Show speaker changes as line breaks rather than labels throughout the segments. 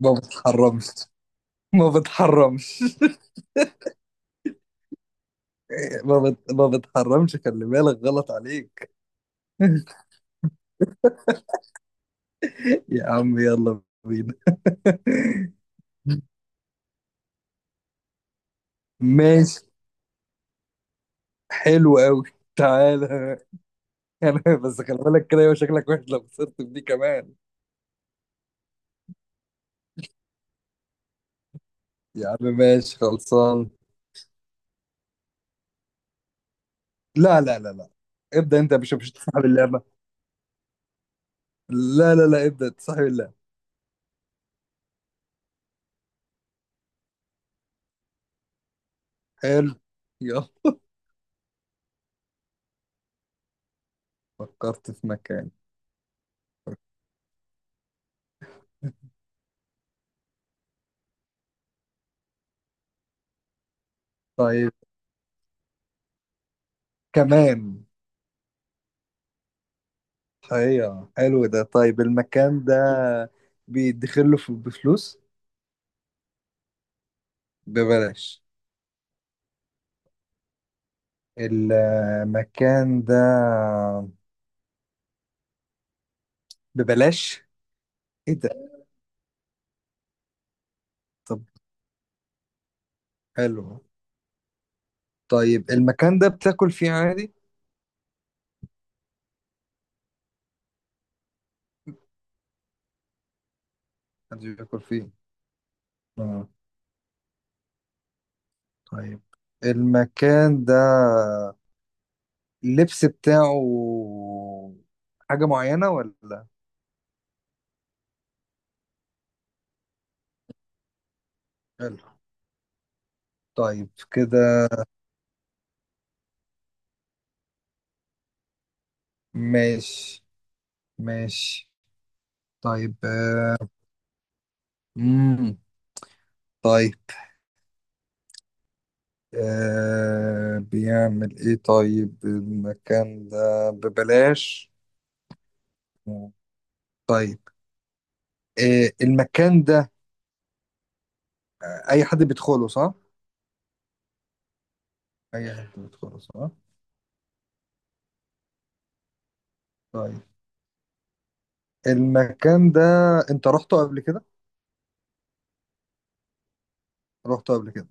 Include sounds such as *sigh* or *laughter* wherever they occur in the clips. ما بتحرمش. ما بتحرمش. ما بتحرمش، خلي بالك غلط عليك. *laughs* يا عم يلا بينا. ماشي. حلو قوي. تعالى. *laughs* انا بس خلي بالك كده، يبقى شكلك وحش لو خسرت في دي كمان. يا عم ماشي خلصان. لا لا لا لا، ابدأ انت، مش تصاحب اللعبة. لا لا لا، ابدأ تصاحب اللعبة. حلو. يلا. فكرت في مكان. طيب. كمان. ايوه حلو ده. طيب المكان ده بيدخله بفلوس، ببلاش؟ المكان ده ببلاش؟ ايه ده. طب. حلو. طيب المكان ده بتاكل فيه عادي؟ محدش بياكل فيه؟ اه. طيب. المكان ده اللبس بتاعه حاجة معينة ولا؟ حلو. طيب كده. ماشي ماشي. طيب. امم. طيب، آه، بيعمل ايه طيب المكان ده ببلاش؟ طيب، آه، المكان ده اي حد بيدخله صح؟ اي حد بيدخله صح. طيب. المكان ده انت رحته قبل كده؟ رحته قبل كده؟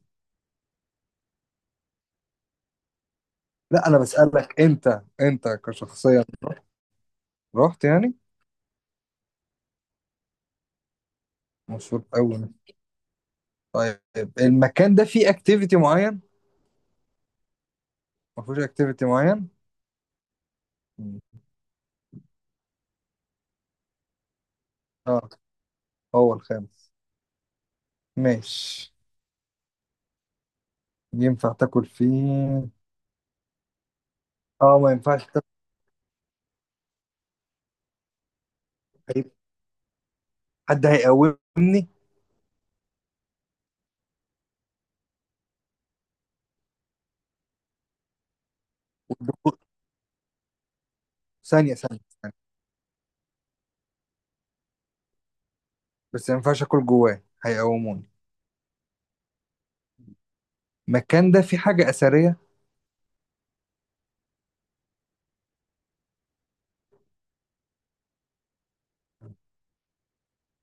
لا انا بسألك انت، انت كشخصيا رحت يعني. مشهور قوي. طيب المكان ده فيه اكتيفيتي معين؟ ما فيهوش اكتيفيتي معين؟ مم. اه. هو الخامس. ماشي. ينفع تاكل فيه؟ اه ما ينفعش. تاكل. حد هيقومني؟ والدكتور. ثانية ثانية ثانية، بس ما ينفعش اكل جواه هيقوموني؟ المكان ده فيه حاجة أثرية؟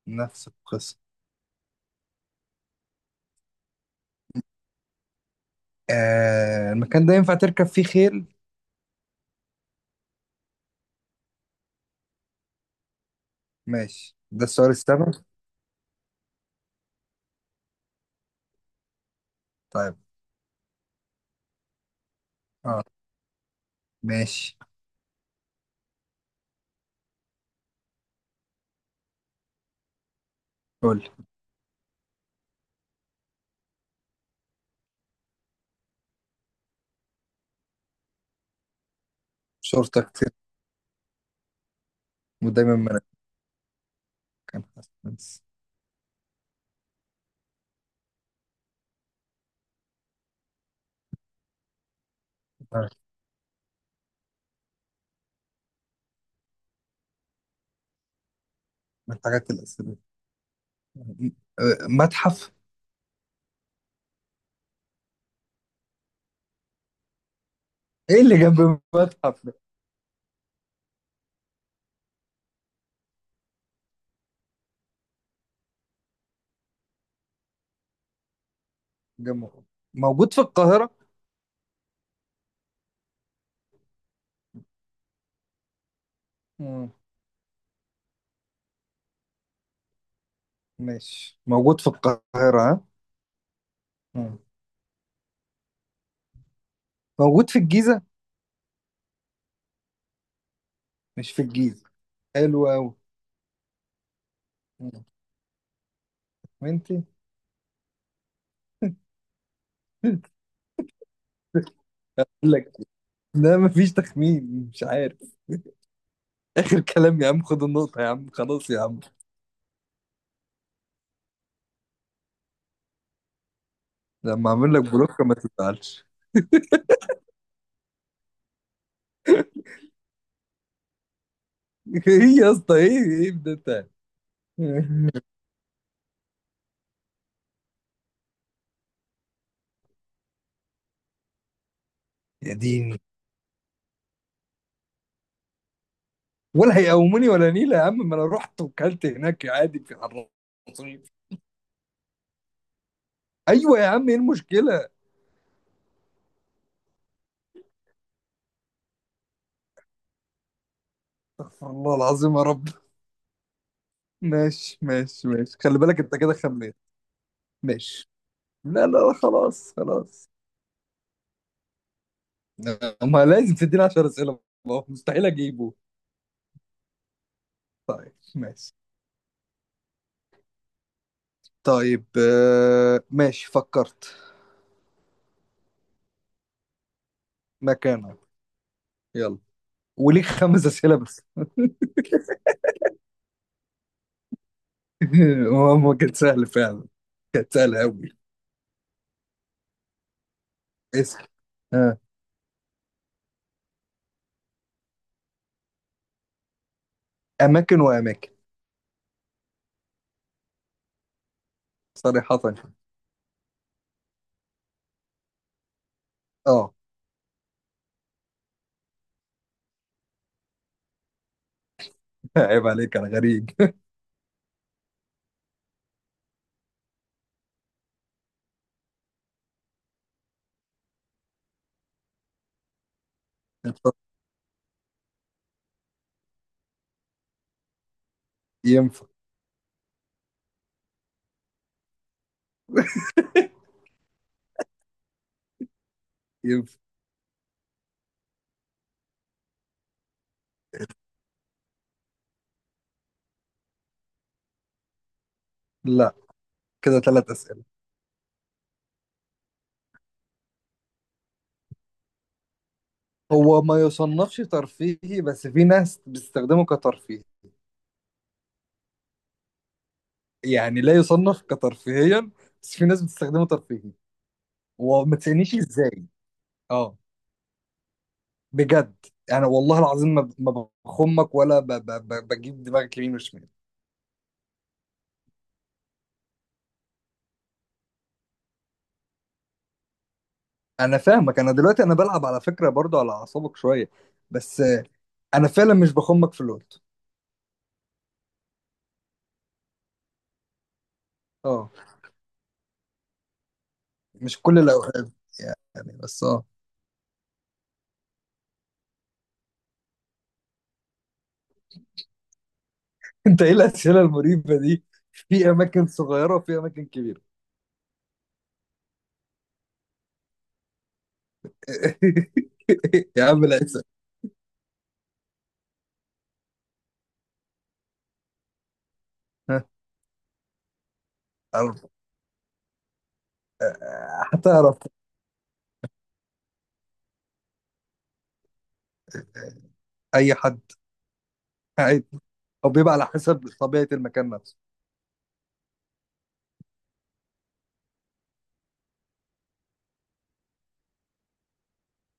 نفس القصة. آه المكان ده ينفع تركب فيه خيل؟ ماشي ده السؤال السبب. طيب. اه. ماشي. قول. شرطة كتير؟ ودايما ملك. كان حاسس. آه، من الحاجات الأثرية. آه، متحف. ايه اللي جنب المتحف ده؟ جنبه. موجود في القاهرة؟ مم. ماشي موجود في القاهرة ها. مم. موجود في الجيزة؟ مش في الجيزة. حلو أوي. وأنت. *laughs* لك. لا مفيش تخمين، مش عارف. آخر كلام يا عم، خد النقطة يا عم، خلاص يا عم. لما أعمل لك بلوك ما تزعلش. *laughs* إيه يا اسطى، إيه إيه ده ده. *laughs* يا ديني، ولا هيقوموني ولا نيلة يا عم، ما أنا رحت وكلت هناك عادي في الرصيف. أيوة يا عم إيه المشكلة. الله العظيم يا رب. ماشي ماشي ماشي، خلي بالك أنت كده خميت. ماشي. لا لا لا، خلاص خلاص. ما لازم تديني 10 اسئله، ما هو مستحيل اجيبه. طيب ماشي. طيب آه، ماشي فكرت. مكانك. يلا. وليك 5 اسئله بس. *laughs* هو كانت سهله فعلا. كانت سهله قوي. اسال. آه. اماكن واماكن. صريحه. اه. *laughs* عيب عليك، انا غريب. *laughs* ينفع. ينفع. لا، كده 3 اسئله. هو ما يصنفش ترفيهي، بس في ناس بتستخدمه كترفيه. يعني لا يصنف كترفيهيا، بس في ناس بتستخدمه ترفيهي. وما تسألنيش ازاي. اه. بجد. انا والله العظيم ما بخمك، ولا بجيب دماغك يمين وشمال. انا فاهمك، انا دلوقتي انا بلعب على فكرة برضو على اعصابك شوية. بس آه، انا فعلا مش بخمك في اللوت. اه، مش كل الاوقات، يعني، بس اه. *laughs* انت ايه الاسئلة المريبة دي؟ في اماكن صغيرة وفي اماكن كبيرة. *laughs* يا عم لا، اسأل. ها، عارف. آه، هتعرف. اي حد عادي، او بيبقى على حسب طبيعة المكان نفسه.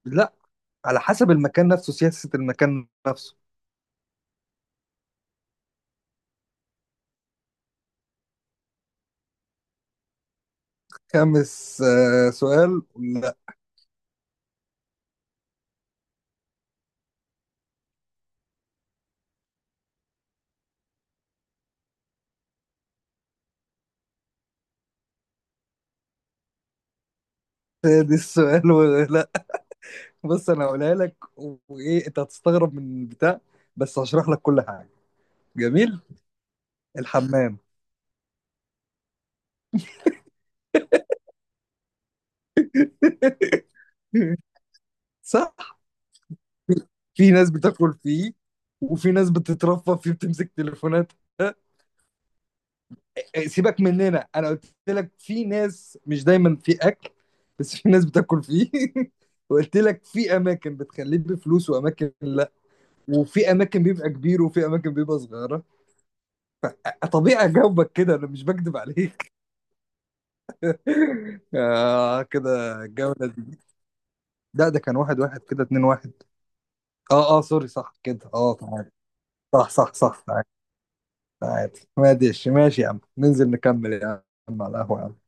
لا، على حسب المكان نفسه، سياسة المكان نفسه. خامس آه، سؤال. لا. سادس سؤال. *laughs* لا. بص انا هقولها لك، وايه انت هتستغرب من البتاع، بس هشرح لك كل حاجة. جميل. الحمام. *laughs* صح. في ناس بتاكل فيه، وفي ناس بتترفه فيه بتمسك تليفونات. آه، سيبك مننا، انا قلت لك في ناس، مش دايما في اكل، بس في ناس بتاكل فيه. *laughs* وقلت لك في اماكن بتخليه بفلوس واماكن، وفي اماكن بيبقى كبير وفي اماكن بيبقى صغيره. طبيعي اجاوبك كده، انا مش بكدب عليك. *laughs* آه كده. الجوله دي. لا ده كان واحد واحد كده، اتنين واحد. اه اه سوري، صح كده، اه تعادل. صح صح صح، تعادل. تعادل. ماشي ماشي يا عم، ننزل نكمل يا عم على القهوه يا عم.